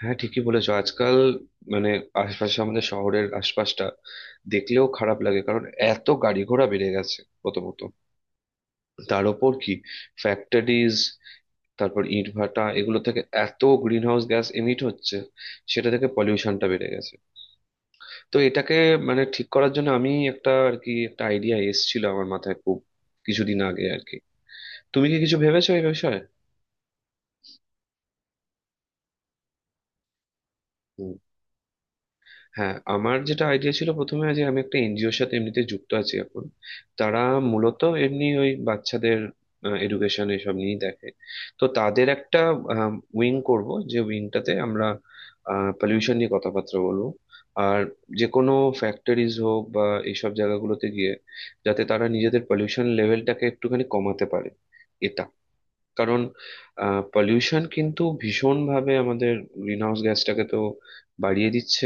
হ্যাঁ, ঠিকই বলেছো। আজকাল মানে আশপাশে, আমাদের শহরের আশপাশটা দেখলেও খারাপ লাগে। কারণ এত গাড়ি ঘোড়া বেড়ে গেছে প্রথমত, তার ওপর কি ফ্যাক্টরিজ, তারপর ইটভাটা, এগুলো থেকে এত গ্রিন হাউস গ্যাস এমিট হচ্ছে, সেটা থেকে পলিউশনটা বেড়ে গেছে। তো এটাকে মানে ঠিক করার জন্য, আমি একটা আর কি একটা আইডিয়া এসেছিল আমার মাথায় খুব কিছুদিন আগে আর কি। তুমি কি কিছু ভেবেছো এই বিষয়ে? হ্যাঁ, আমার যেটা আইডিয়া ছিল প্রথমে, যে আমি একটা এনজিওর সাথে এমনিতে যুক্ত আছি এখন। তারা মূলত এমনি ওই বাচ্চাদের এডুকেশন এসব নিয়েই দেখে। তো তাদের একটা উইং করব, যে উইংটাতে আমরা পলিউশন নিয়ে কথাবার্তা বলবো। আর যে কোনো ফ্যাক্টরিজ হোক বা এইসব জায়গাগুলোতে গিয়ে, যাতে তারা নিজেদের পলিউশন লেভেলটাকে একটুখানি কমাতে পারে। কারণ পলিউশন কিন্তু ভীষণভাবে আমাদের গ্রিনহাউস গ্যাসটাকে তো বাড়িয়ে দিচ্ছে,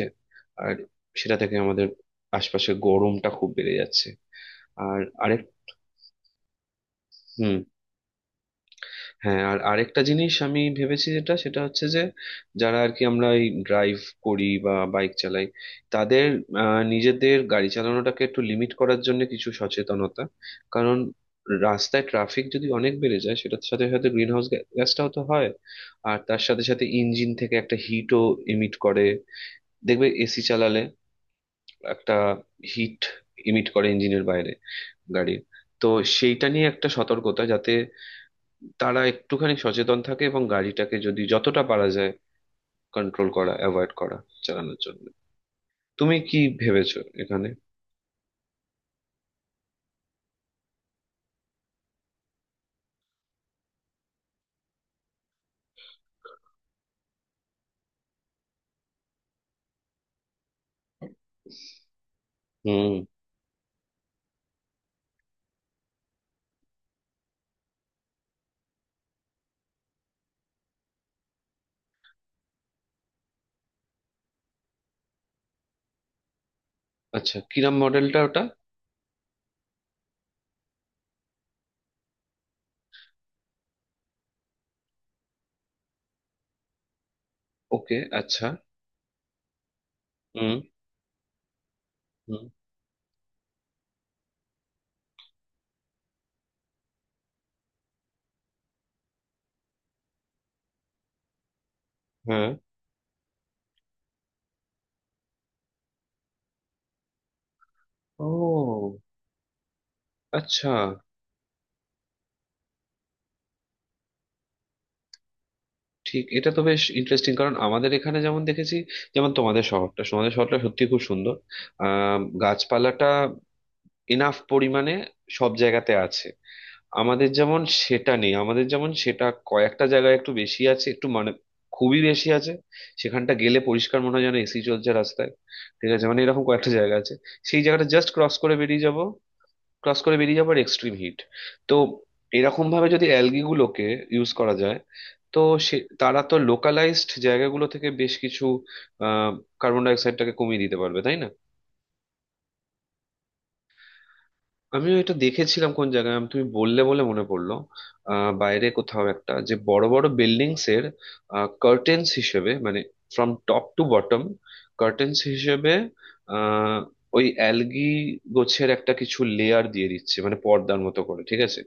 আর সেটা থেকে আমাদের আশপাশে গরমটা খুব বেড়ে যাচ্ছে। আর আরেক... হুম। হ্যাঁ, আর আরেকটা জিনিস আমি ভেবেছি, যেটা সেটা হচ্ছে যে যারা আর কি আমরা এই ড্রাইভ করি বা বাইক চালাই, তাদের নিজেদের গাড়ি চালানোটাকে একটু লিমিট করার জন্য কিছু সচেতনতা। কারণ রাস্তায় ট্রাফিক যদি অনেক বেড়ে যায়, সেটার সাথে সাথে গ্রিন হাউস গ্যাসটাও তো হয়, আর তার সাথে সাথে ইঞ্জিন থেকে একটা হিটও ইমিট করে। দেখবে, এসি চালালে একটা হিট ইমিট করে ইঞ্জিনের বাইরে, গাড়ির। তো সেইটা নিয়ে একটা সতর্কতা, যাতে তারা একটুখানি সচেতন থাকে এবং গাড়িটাকে যদি যতটা পারা যায় কন্ট্রোল করা, অ্যাভয়েড করা চালানোর জন্য। তুমি কি ভেবেছো এখানে? হুম। আচ্ছা, কিরাম মডেলটা ওটা? ওকে, আচ্ছা। হুম। হুম। হ্যাঁ। ও, আচ্ছা। ঠিক, এটা তো বেশ ইন্টারেস্টিং। কারণ আমাদের এখানে যেমন দেখেছি, যেমন তোমাদের শহরটা, তোমাদের শহরটা সত্যি খুব সুন্দর। গাছপালাটা এনাফ পরিমাণে সব জায়গাতে আছে। আমাদের যেমন সেটা নেই, আমাদের যেমন সেটা কয়েকটা জায়গায় একটু বেশি আছে, একটু মানে খুবই বেশি আছে। সেখানটা গেলে পরিষ্কার মনে হয় যেন এসি চলছে রাস্তায়। ঠিক আছে, মানে এরকম কয়েকটা জায়গা আছে, সেই জায়গাটা জাস্ট ক্রস করে বেরিয়ে যাব। ক্রস করে বেরিয়ে যাবো আর এক্সট্রিম হিট। তো এরকম ভাবে যদি অ্যালগি গুলোকে ইউজ করা যায় তো সে তারা তো লোকালাইজড জায়গাগুলো থেকে বেশ কিছু আহ কার্বন ডাই অক্সাইডটাকে কমিয়ে দিতে পারবে, তাই না? আমিও এটা দেখেছিলাম কোন জায়গায় তুমি বললে বলে মনে পড়লো। বাইরে কোথাও একটা, যে বড় বড় বিল্ডিংস এর কার্টেন্স হিসেবে মানে from top to bottom curtains হিসেবে আহ ওই অ্যালগি গোছের একটা কিছু লেয়ার দিয়ে দিচ্ছে, মানে পর্দার মতো করে। ঠিক আছে,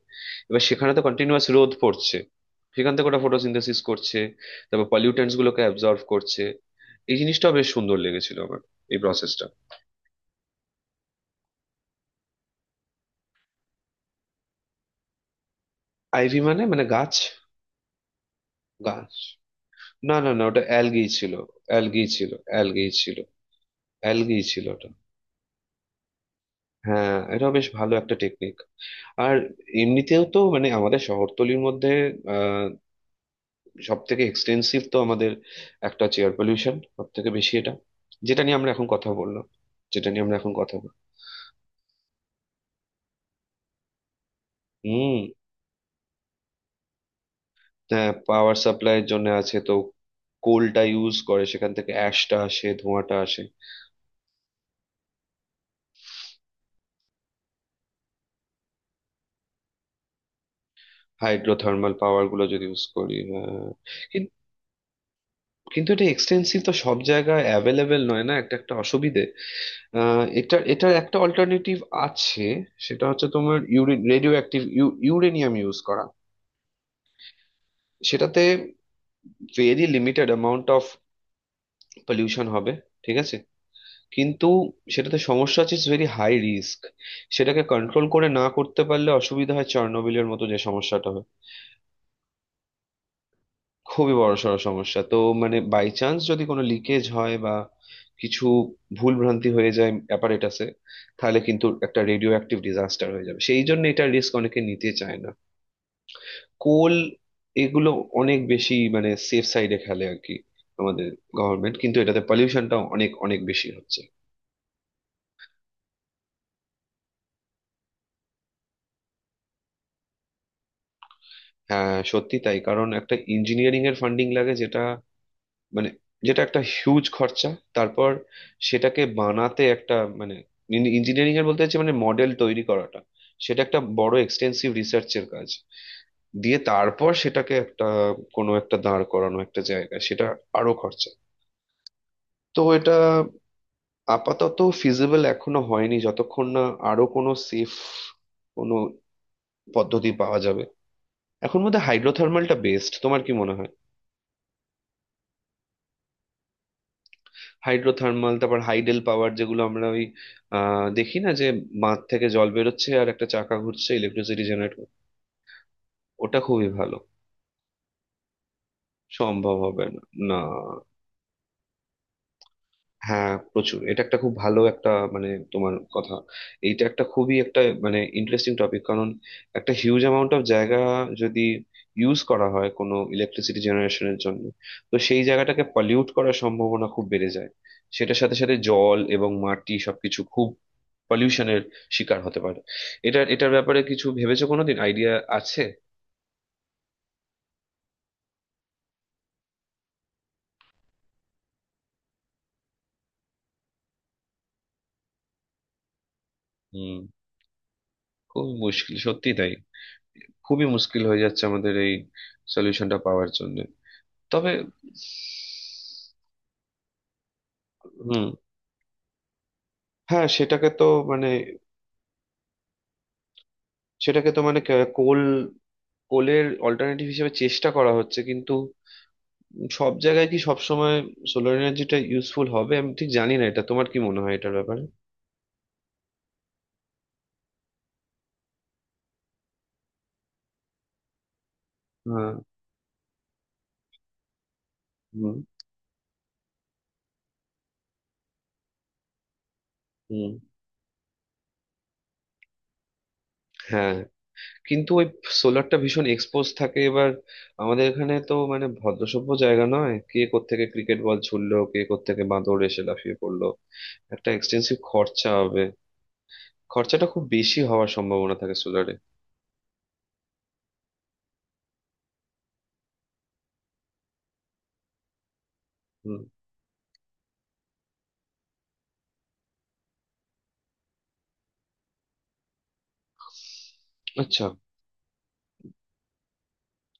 এবার সেখানে তো কন্টিনিউয়াস রোদ পড়ছে, সেখান থেকে ওটা ফটোসিনথেসিস করছে, তারপর পলিউটেন্টস গুলোকে অ্যাবজর্ব করছে। এই জিনিসটা বেশ সুন্দর লেগেছিল আমার, এই প্রসেসটা। আইভি মানে মানে গাছ। গাছ? না, না, না, ওটা অ্যালগি ছিল। অ্যালগি ছিল, অ্যালগি ছিল, অ্যালগি ছিল ওটা। হ্যাঁ, এটা বেশ ভালো একটা টেকনিক। আর এমনিতেও তো মানে আমাদের শহরতলির মধ্যে আহ সব থেকে এক্সটেন্সিভ তো আমাদের একটা হচ্ছে এয়ার পলিউশন সব থেকে বেশি এটা, যেটা নিয়ে আমরা এখন কথা বললাম, যেটা নিয়ে আমরা এখন কথা বল... হুম। হ্যাঁ, পাওয়ার সাপ্লাইয়ের জন্য আছে তো, কোলটা ইউজ করে, সেখান থেকে অ্যাশটা আসে, ধোঁয়াটা আসে। হাইড্রোথার্মাল পাওয়ার গুলো যদি ইউজ করি, হ্যাঁ, কিন্তু এটা এক্সটেন্সিভ তো সব জায়গায় অ্যাভেলেবেল নয়, না একটা একটা অসুবিধে। এটা এটার একটা অল্টারনেটিভ আছে, সেটা হচ্ছে তোমার ইউরেন রেডিও অ্যাক্টিভ ইউরেনিয়াম ইউজ করা। সেটাতে very limited amount of pollution হবে, ঠিক আছে। কিন্তু সেটাতে সমস্যা আছে, ইটস ভেরি হাই রিস্ক, সেটাকে কন্ট্রোল করে না করতে পারলে অসুবিধা হয়, চার্নোবিলের মতো যে সমস্যাটা হয়। খুবই বড়সড় সমস্যা তো। মানে বাই চান্স যদি কোনো লিকেজ হয় বা কিছু ভুল ভ্রান্তি হয়ে যায় অ্যাপারেটাসে, তাহলে কিন্তু একটা রেডিও অ্যাক্টিভ ডিজাস্টার হয়ে যাবে। সেই জন্য এটা রিস্ক অনেকে নিতে চায় না। কোল এগুলো অনেক বেশি মানে সেফ সাইডে খেলে আর কি আমাদের গভর্নমেন্ট, কিন্তু এটাতে পলিউশনটা অনেক অনেক বেশি হচ্ছে। হ্যাঁ, সত্যি তাই। কারণ একটা ইঞ্জিনিয়ারিং এর ফান্ডিং লাগে, যেটা মানে যেটা একটা হিউজ খরচা। তারপর সেটাকে বানাতে একটা মানে ইঞ্জিনিয়ারিং এর বলতে চাচ্ছি, মানে মডেল তৈরি করাটা, সেটা একটা বড় এক্সটেন্সিভ রিসার্চের কাজ। দিয়ে তারপর সেটাকে একটা কোনো একটা দাঁড় করানো একটা জায়গায় সেটা আরো খরচা। তো এটা আপাতত ফিজিবল এখনো হয়নি, যতক্ষণ না আরো কোনো সেফ কোনো পদ্ধতি পাওয়া যাবে। এখন মধ্যে হাইড্রোথার্মালটা বেস্ট, তোমার কি মনে হয়? হাইড্রোথার্মাল, তারপর হাইডেল পাওয়ার যেগুলো আমরা ওই দেখি না, যে বাঁধ থেকে জল বেরোচ্ছে আর একটা চাকা ঘুরছে, ইলেকট্রিসিটি জেনারেট। ওটা খুবই ভালো। সম্ভব হবে না। না। হ্যাঁ, প্রচুর। এটা একটা খুব ভালো একটা মানে তোমার কথা, এইটা একটা খুবই একটা মানে ইন্টারেস্টিং টপিক। কারণ একটা হিউজ অ্যামাউন্ট অফ জায়গা যদি ইউজ করা হয় কোনো ইলেকট্রিসিটি জেনারেশনের জন্য, তো সেই জায়গাটাকে পলিউট করার সম্ভাবনা খুব বেড়ে যায়, সেটার সাথে সাথে জল এবং মাটি সবকিছু খুব পলিউশনের শিকার হতে পারে। এটা এটার ব্যাপারে কিছু ভেবেছো কোনোদিন, আইডিয়া আছে? হুম। খুবই মুশকিল, সত্যি তাই। খুবই মুশকিল হয়ে যাচ্ছে আমাদের এই সলিউশনটা পাওয়ার জন্য। তবে হুম। হ্যাঁ, সেটাকে তো মানে সেটাকে তো মানে কোল কোলের অল্টারনেটিভ হিসেবে চেষ্টা করা হচ্ছে, কিন্তু সব জায়গায় কি সব সময় সোলার এনার্জিটা ইউজফুল হবে? আমি ঠিক জানি না, এটা তোমার কি মনে হয় এটার ব্যাপারে? হ্যাঁ। হুম। হুম। হ্যাঁ। কিন্তু ওই সোলারটা ভীষণ এক্সপোজ থাকে এবার। আমাদের এখানে তো মানে ভদ্রসভ্য জায়গা নয়, কে কোত্থেকে ক্রিকেট বল ছুড়লো, কে কোত্থেকে বাঁদর এসে লাফিয়ে পড়লো, একটা এক্সটেন্সিভ খরচা হবে। খরচাটা খুব বেশি হওয়ার সম্ভাবনা থাকে সোলারে। হুম। আচ্ছা।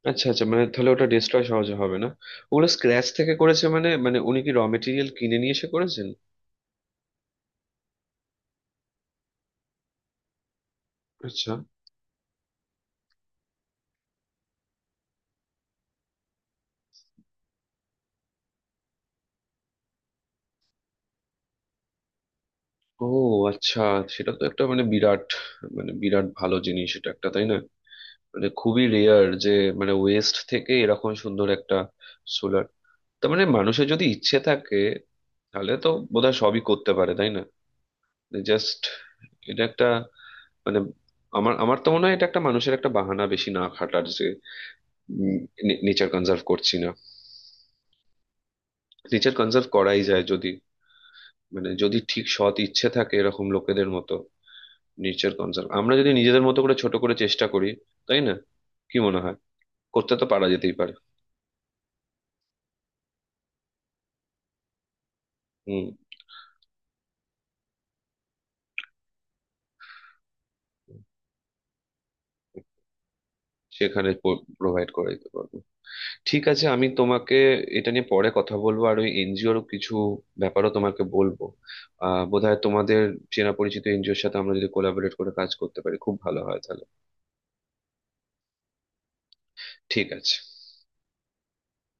আচ্ছা, আচ্ছা, মানে তাহলে ওটা ডিস্ট্রয় সহজে হবে না? ওগুলো স্ক্র্যাচ থেকে করেছে মানে মানে উনি কি র মেটেরিয়াল কিনে নিয়ে এসে করেছেন? আচ্ছা। ও, আচ্ছা। সেটা তো একটা মানে বিরাট মানে বিরাট ভালো জিনিস এটা একটা, তাই না? মানে খুবই রেয়ার, যে মানে ওয়েস্ট থেকে এরকম সুন্দর একটা সোলার। তার মানে মানুষের যদি ইচ্ছে থাকে, তাহলে তো বোধহয় সবই করতে পারে, তাই না? জাস্ট এটা একটা মানে আমার আমার তো মনে হয় এটা একটা মানুষের একটা বাহানা বেশি না খাটার, যে নেচার কনজার্ভ করছি না। নেচার কনজার্ভ করাই যায় যদি, মানে যদি ঠিক সৎ ইচ্ছে থাকে, এরকম লোকেদের মতো নেচার কনজার্ভ আমরা যদি নিজেদের মতো করে ছোট করে চেষ্টা করি, তাই না? কি মনে হয়? করতে তো পারা যেতেই পারে। হুম। সেখানে প্রোভাইড করে দিতে পারবো। ঠিক আছে, আমি তোমাকে এটা নিয়ে পরে কথা বলবো, আর ওই এনজিওর কিছু ব্যাপারও তোমাকে বলবো। বোধহয় তোমাদের চেনা পরিচিত এনজিওর সাথে আমরা যদি কোলাবোরেট করে কাজ করতে পারি, খুব ভালো হয় তাহলে। ঠিক আছে।